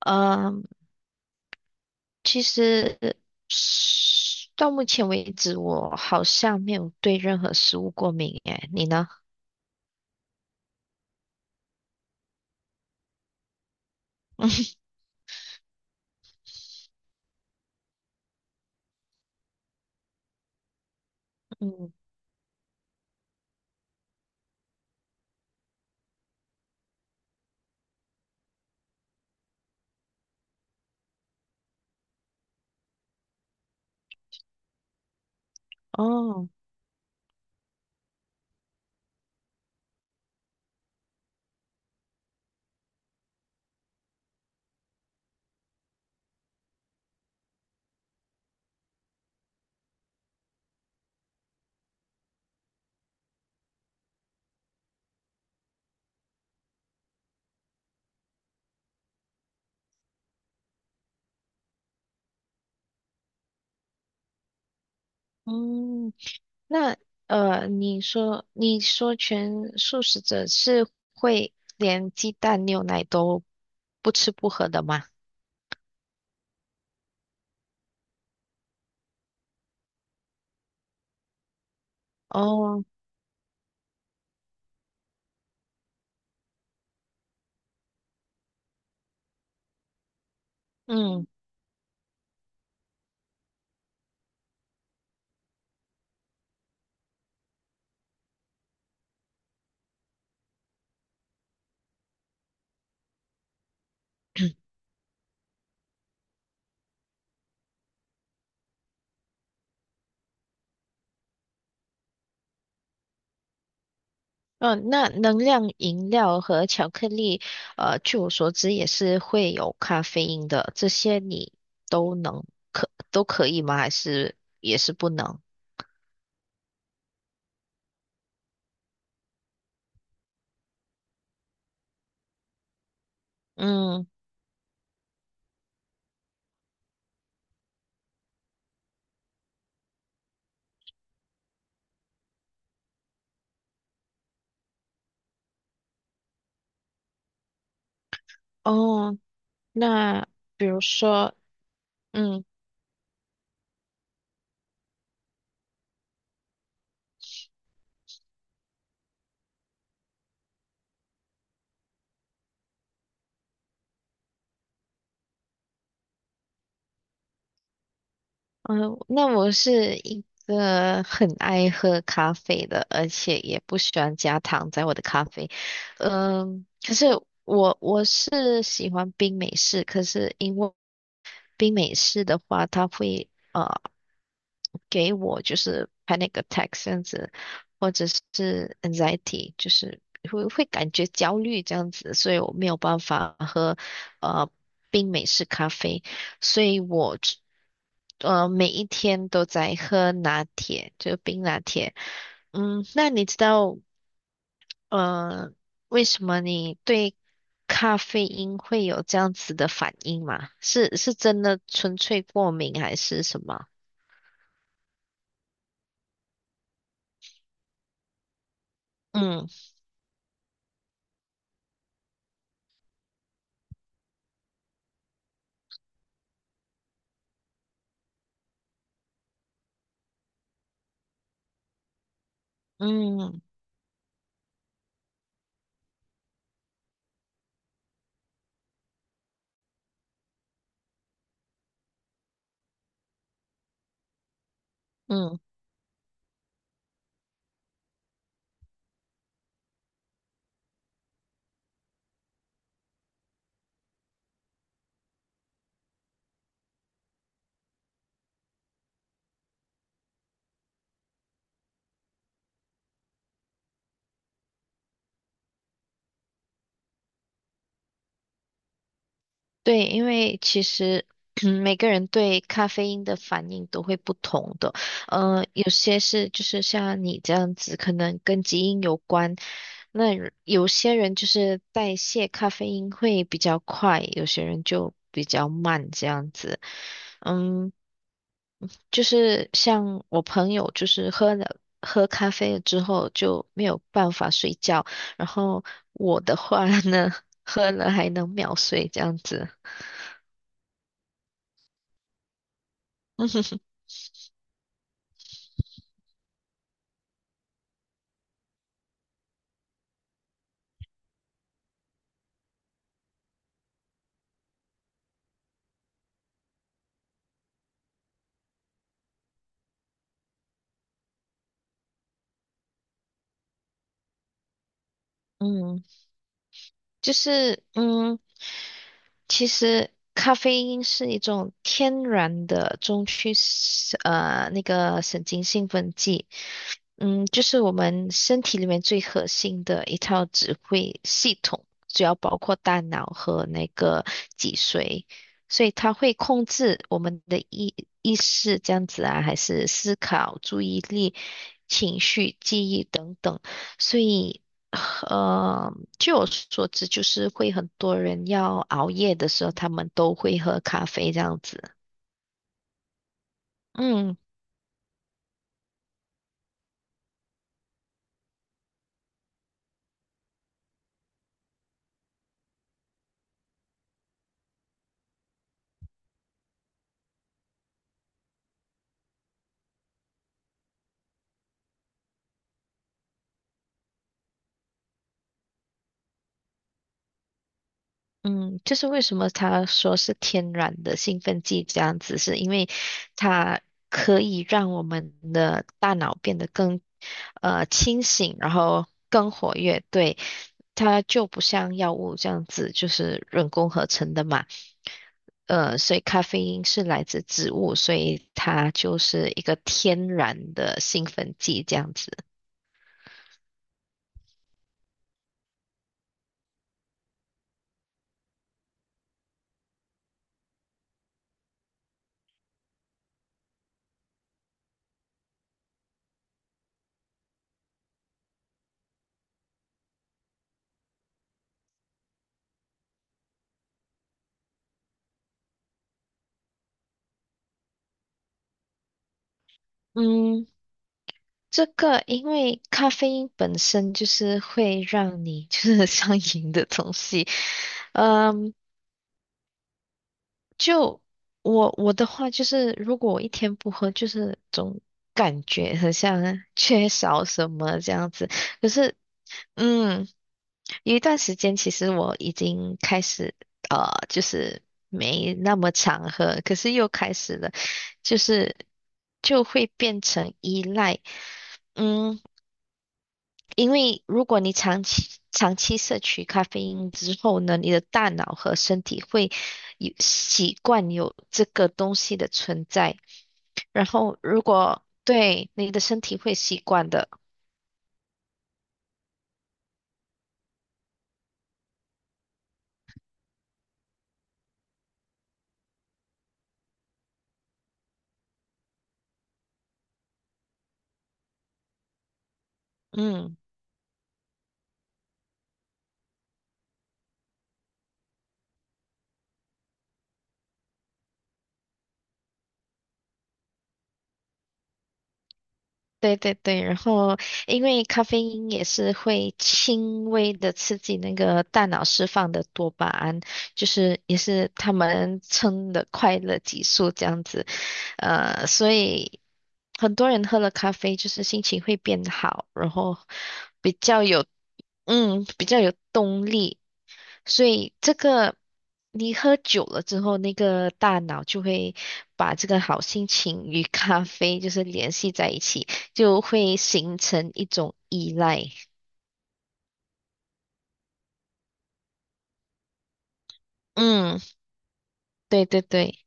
嗯，其实是到目前为止，我好像没有对任何食物过敏诶，你呢？嗯，哦，嗯，那你说全素食者是会连鸡蛋、牛奶都不吃不喝的吗？哦，嗯。嗯，那能量饮料和巧克力，据我所知也是会有咖啡因的，这些你都能可都可以吗？还是也是不能？嗯，哦，那比如说，嗯嗯，那我是一个很爱喝咖啡的，而且也不喜欢加糖在我的咖啡。嗯，可是我是喜欢冰美式，可是因为冰美式的话，它会给我就是 panic attack 这样子，或者是 anxiety，就是会会感觉焦虑这样子，所以我没有办法喝呃冰美式咖啡，所以我每一天都在喝拿铁，就冰拿铁。嗯，那你知道呃为什么你对咖啡因会有这样子的反应吗？是是真的纯粹过敏还是什么？嗯嗯嗯。对，因为其实嗯每个人对咖啡因的反应都会不同的，嗯，有些是就是像你这样子，可能跟基因有关。那有有些人就是代谢咖啡因会比较快，有些人就比较慢这样子。嗯，就是像我朋友，就是喝咖啡了之后就没有办法睡觉，然后我的话呢，喝了还能秒睡这样子。嗯，就是嗯，其实咖啡因是一种天然的中区神呃那个神经兴奋剂，嗯，就是我们身体里面最核心的一套指挥系统，主要包括大脑和那个脊髓，所以它会控制我们的意识这样子啊，还是思考、注意力、情绪、记忆等等，所以。呃，据我所知，就是会很多人要熬夜的时候，他们都会喝咖啡这样子。嗯，嗯，就是为什么他说是天然的兴奋剂这样子，是因为它可以让我们的大脑变得更清醒，然后更活跃。对，它就不像药物这样子，就是人工合成的嘛。呃，所以咖啡因是来自植物，所以它就是一个天然的兴奋剂这样子。嗯，这个因为咖啡因本身就是会让你 就是上瘾的东西，嗯，就我的话就是，如果我一天不喝，就是总感觉很像 缺少什么这样子。可是，嗯，有一段时间其实我已经开始就是没那么常喝，可是又开始了，就是就会变成依赖。嗯，因为如果你长期长期摄取咖啡因之后呢，你的大脑和身体会有习惯有这个东西的存在，然后如果对你的身体会习惯的，嗯，对对对，然后因为咖啡因也是会轻微的刺激那个大脑释放的多巴胺，就是也是他们称的快乐激素这样子，呃，所以。很多人喝了咖啡就是心情会变好，然后比较有，嗯，比较有动力。所以这个你喝久了之后，那个大脑就会把这个好心情与咖啡就是联系在一起，就会形成一种依赖。嗯，对对对，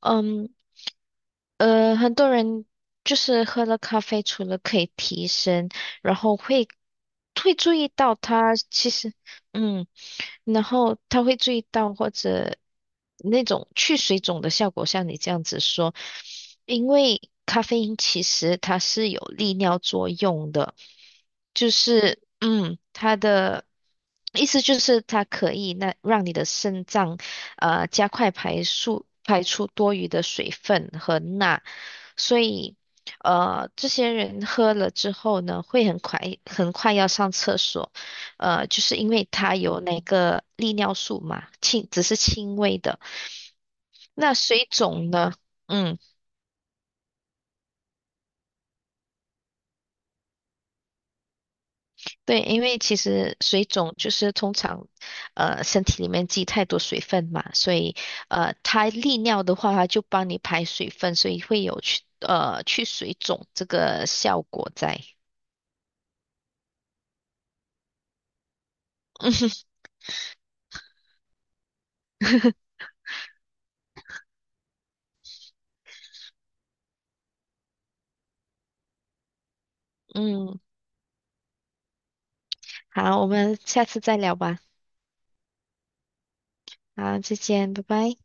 嗯，呃，很多人就是喝了咖啡，除了可以提神，然后会会注意到它其实。嗯，然后他会注意到或者那种去水肿的效果，像你这样子说，因为咖啡因其实它是有利尿作用的，就是嗯，它的意思就是它可以那让你的肾脏加快排出多余的水分和钠，所以。呃，这些人喝了之后呢，会很快很快要上厕所，呃，就是因为它有那个利尿素嘛，轻，只是轻微的。那水肿呢？嗯，对，因为其实水肿就是通常，呃，身体里面积太多水分嘛，所以呃，它利尿的话，它就帮你排水分，所以会有去水肿这个效果在。嗯，好，我们下次再聊吧。好，再见，拜拜。